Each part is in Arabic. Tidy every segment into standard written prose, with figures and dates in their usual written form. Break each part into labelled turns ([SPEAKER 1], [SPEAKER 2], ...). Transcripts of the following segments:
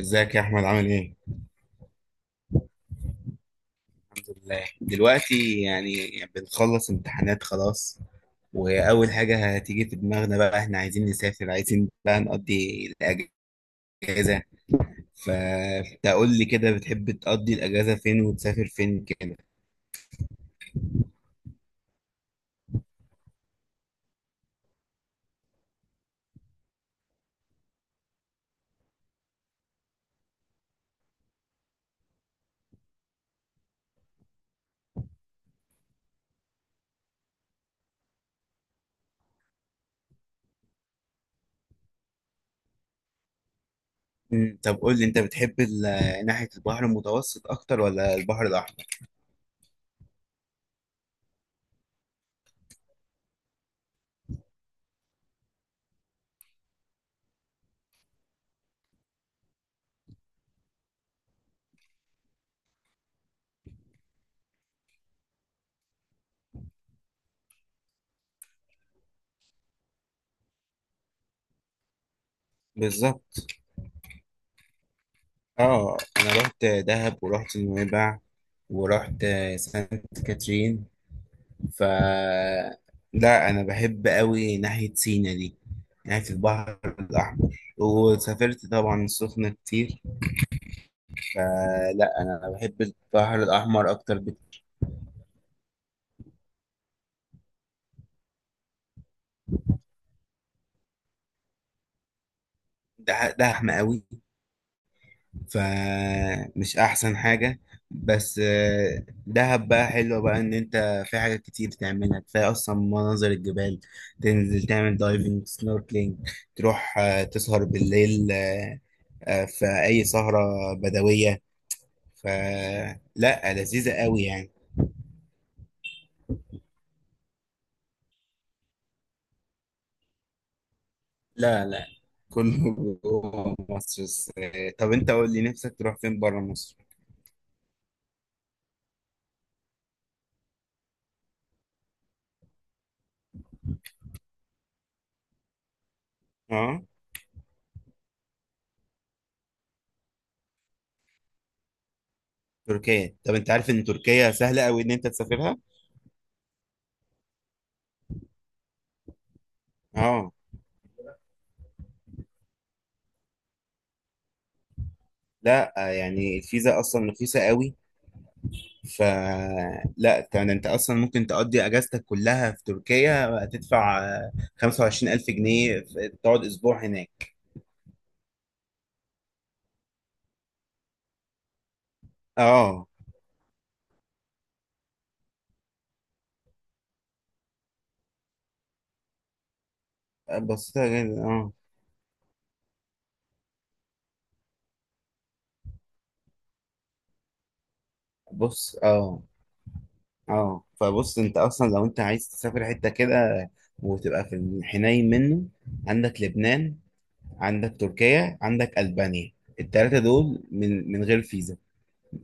[SPEAKER 1] ازيك يا احمد، عامل ايه؟ الحمد لله دلوقتي يعني، بنخلص امتحانات خلاص. واول حاجه هتيجي في دماغنا بقى احنا عايزين نسافر، عايزين بقى نقضي الاجازه. فانت قول لي كده، بتحب تقضي الاجازه فين وتسافر فين كده؟ طب قول لي انت بتحب ناحيه البحر المتوسط اكتر ولا البحر الاحمر؟ بالظبط. اه انا رحت دهب، ورحت نويبع، ورحت سانت كاترين. ف لا انا بحب قوي ناحيه سينا دي، ناحيه البحر الاحمر. وسافرت طبعا السخنه كتير. فلا انا بحب البحر الاحمر اكتر ده احمى قوي، فمش احسن حاجه. بس دهب بقى حلوه بقى، ان انت في حاجات كتير تعملها، كفايه اصلا مناظر الجبال. تنزل تعمل دايفنج سنوركلينج، تروح تسهر بالليل في اي سهره بدويه. فلا لذيذة قوي يعني. لا لا، كله جوه مصر بس. طب انت قول لي نفسك تروح فين بره مصر؟ اه. تركيا، طب انت عارف ان تركيا سهلة قوي ان انت تسافرها؟ اه. لا يعني الفيزا اصلا رخيصة قوي. ف لا يعني انت اصلا ممكن تقضي اجازتك كلها في تركيا، تدفع 25,000 جنيه تقعد اسبوع هناك. اه. بسيطة جدا اه. بص اه. اه فبص انت اصلا لو انت عايز تسافر حته كده، وتبقى في الحنين منه، عندك لبنان، عندك تركيا، عندك البانيا. التلاتة دول من غير فيزا،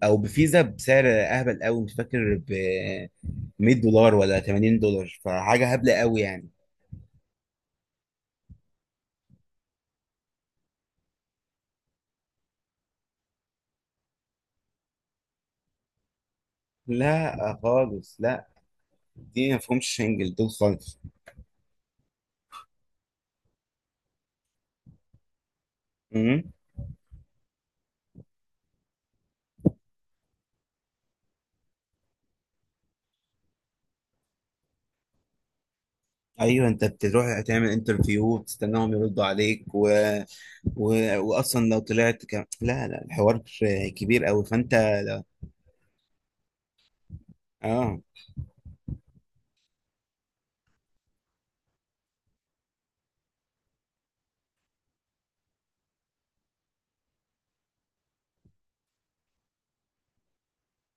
[SPEAKER 1] او بفيزا بسعر اهبل قوي. مش فاكر ب 100 دولار ولا 80 دولار، فحاجه هبله قوي يعني. لا خالص لا، دي ما فيهمش شنجل دول خالص. امم ايوه، انت بتروح تعمل انترفيو وتستناهم يردوا عليك و... واصلا لو لا لا، الحوار كبير قوي فانت لا... اه.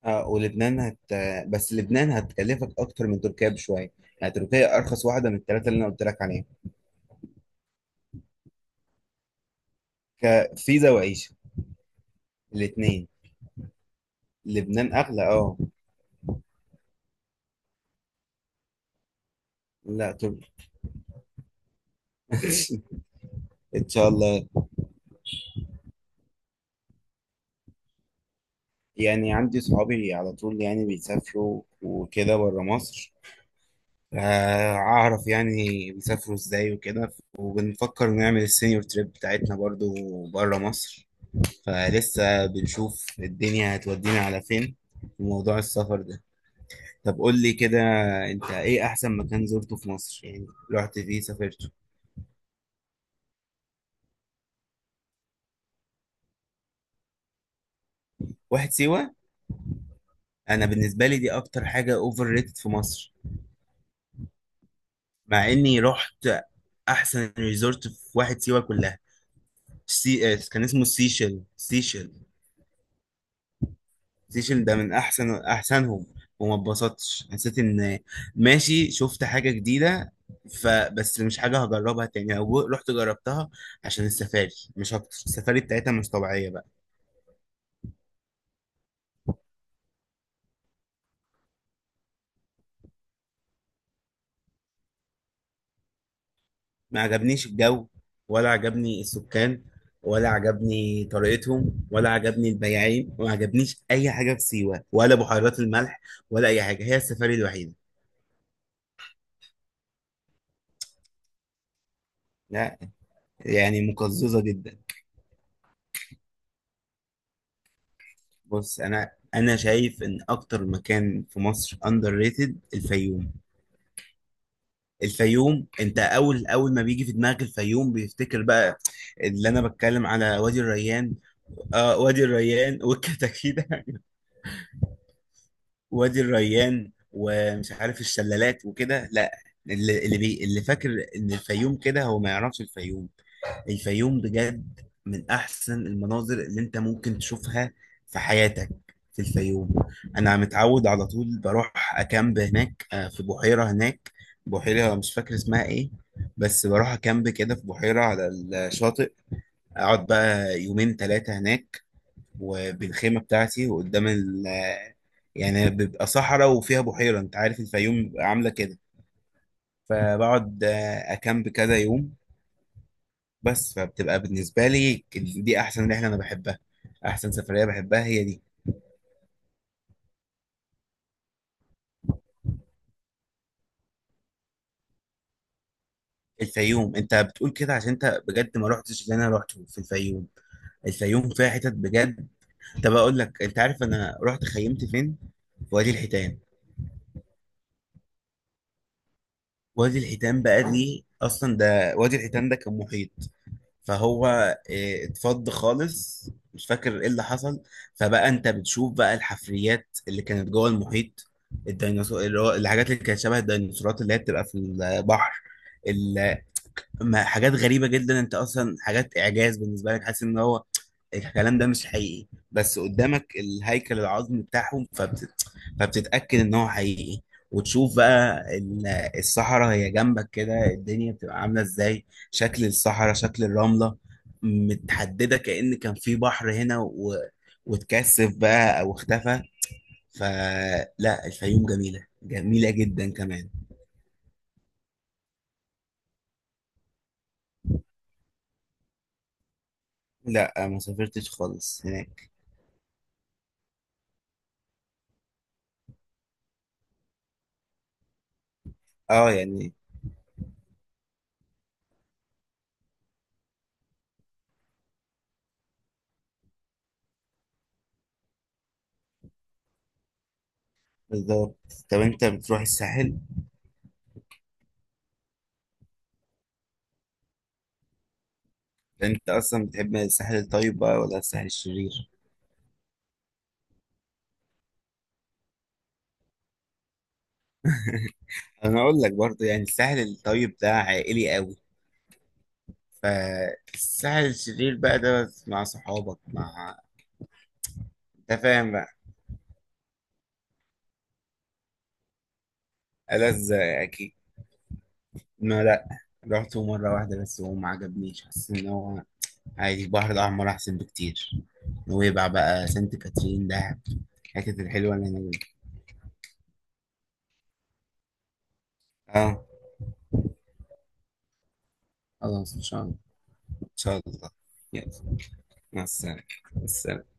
[SPEAKER 1] اه ولبنان بس لبنان هتكلفك اكتر من تركيا بشويه. يعني تركيا ارخص واحده من الثلاثه اللي انا قلت لك عليهم. كفيزا وعيشه، الاثنين. لبنان اغلى اه. لا طب. ان شاء الله. يعني عندي صحابي على طول يعني بيسافروا وكده بره مصر. اعرف يعني بيسافروا ازاي وكده. وبنفكر نعمل السينيور تريب بتاعتنا برضو بره مصر. فلسه بنشوف الدنيا هتودينا على فين في موضوع السفر ده. طب قول لي كده، انت ايه احسن مكان زرته في مصر يعني رحت فيه سافرته؟ واحد سيوة. انا بالنسبة لي دي اكتر حاجة اوفر ريتد في مصر. مع اني رحت احسن ريزورت في واحد سيوة كلها. سي... آه، كان اسمه سيشل. سيشل، سيشن ده من احسنهم. وما اتبسطتش، حسيت ان ماشي، شفت حاجه جديده. فبس مش حاجه هجربها تاني، او رحت جربتها عشان السفاري. مش اكتر، السفاري بتاعتها مش طبيعيه بقى. ما عجبنيش الجو، ولا عجبني السكان، ولا عجبني طريقتهم، ولا عجبني البياعين. وما عجبنيش اي حاجه في سيوه، ولا بحيرات الملح، ولا اي حاجه. هي السفاري الوحيده. لا يعني مقززه جدا. بص انا شايف ان اكتر مكان في مصر اندر ريتد الفيوم. الفيوم، انت اول ما بيجي في دماغك الفيوم بيفتكر بقى اللي انا بتكلم على وادي الريان. اه، وادي الريان والكتاكيت وادي الريان ومش عارف الشلالات وكده، لا. اللي فاكر ان الفيوم كده، هو ما يعرفش الفيوم. الفيوم بجد من احسن المناظر اللي انت ممكن تشوفها في حياتك، في الفيوم. انا متعود على طول بروح اكامب هناك في بحيرة هناك. بحيرة مش فاكر اسمها ايه. بس بروح اكامب كده في بحيرة على الشاطئ. اقعد بقى يومين ثلاثة هناك، وبالخيمة بتاعتي، وقدام ال آه، يعني بيبقى صحراء وفيها بحيرة، انت عارف الفيوم بيبقى عاملة كده. فبقعد اكامب كذا يوم بس. فبتبقى بالنسبة لي دي أحسن رحلة أنا بحبها. أحسن سفرية بحبها هي دي. الفيوم، أنت بتقول كده عشان أنت بجد ما رحتش اللي أنا رحته في الفيوم. الفيوم فيها حتت بجد. طب أقول لك، أنت عارف أنا رحت خيمت فين؟ في وادي الحيتان. وادي الحيتان بقى دي أصلا، ده وادي الحيتان ده كان محيط. فهو إيه، اتفض خالص. مش فاكر ايه اللي حصل. فبقى انت بتشوف بقى الحفريات اللي كانت جوه المحيط. الديناصور، اللي هو الحاجات اللي كانت شبه الديناصورات اللي هي بتبقى في البحر. ما حاجات غريبة جدا، انت اصلا حاجات اعجاز بالنسبة لك، حاسس ان هو الكلام ده مش حقيقي. بس قدامك الهيكل العظمي بتاعهم، فبتتأكد ان هو حقيقي. وتشوف بقى الصحراء هي جنبك كده. الدنيا بتبقى عاملة ازاي، شكل الصحراء، شكل الرملة، متحددة كأن كان في بحر هنا واتكثف بقى او اختفى. فلا الفيوم جميلة، جميلة جدا كمان. لا ما سافرتش خالص هناك. اه يعني. بالظبط. طب انت بتروح الساحل؟ انت اصلا بتحب الساحل الطيب بقى ولا الساحل الشرير؟ انا اقول لك برضه، يعني الساحل الطيب ده عائلي قوي. فالساحل الشرير بقى ده بس مع صحابك، مع انت فاهم بقى. ألذ اكيد. ما لا، رحته مرة واحدة بس وما عجبنيش. حسيت ان هو عادي، البحر الاحمر احسن بكتير. نويبع بقى، سانت كاترين، دهب، الحتت الحلوة اللي هناك دي. اه خلاص، ان شاء الله. ان شاء الله. يلا. مع السلامة. مع السلامة.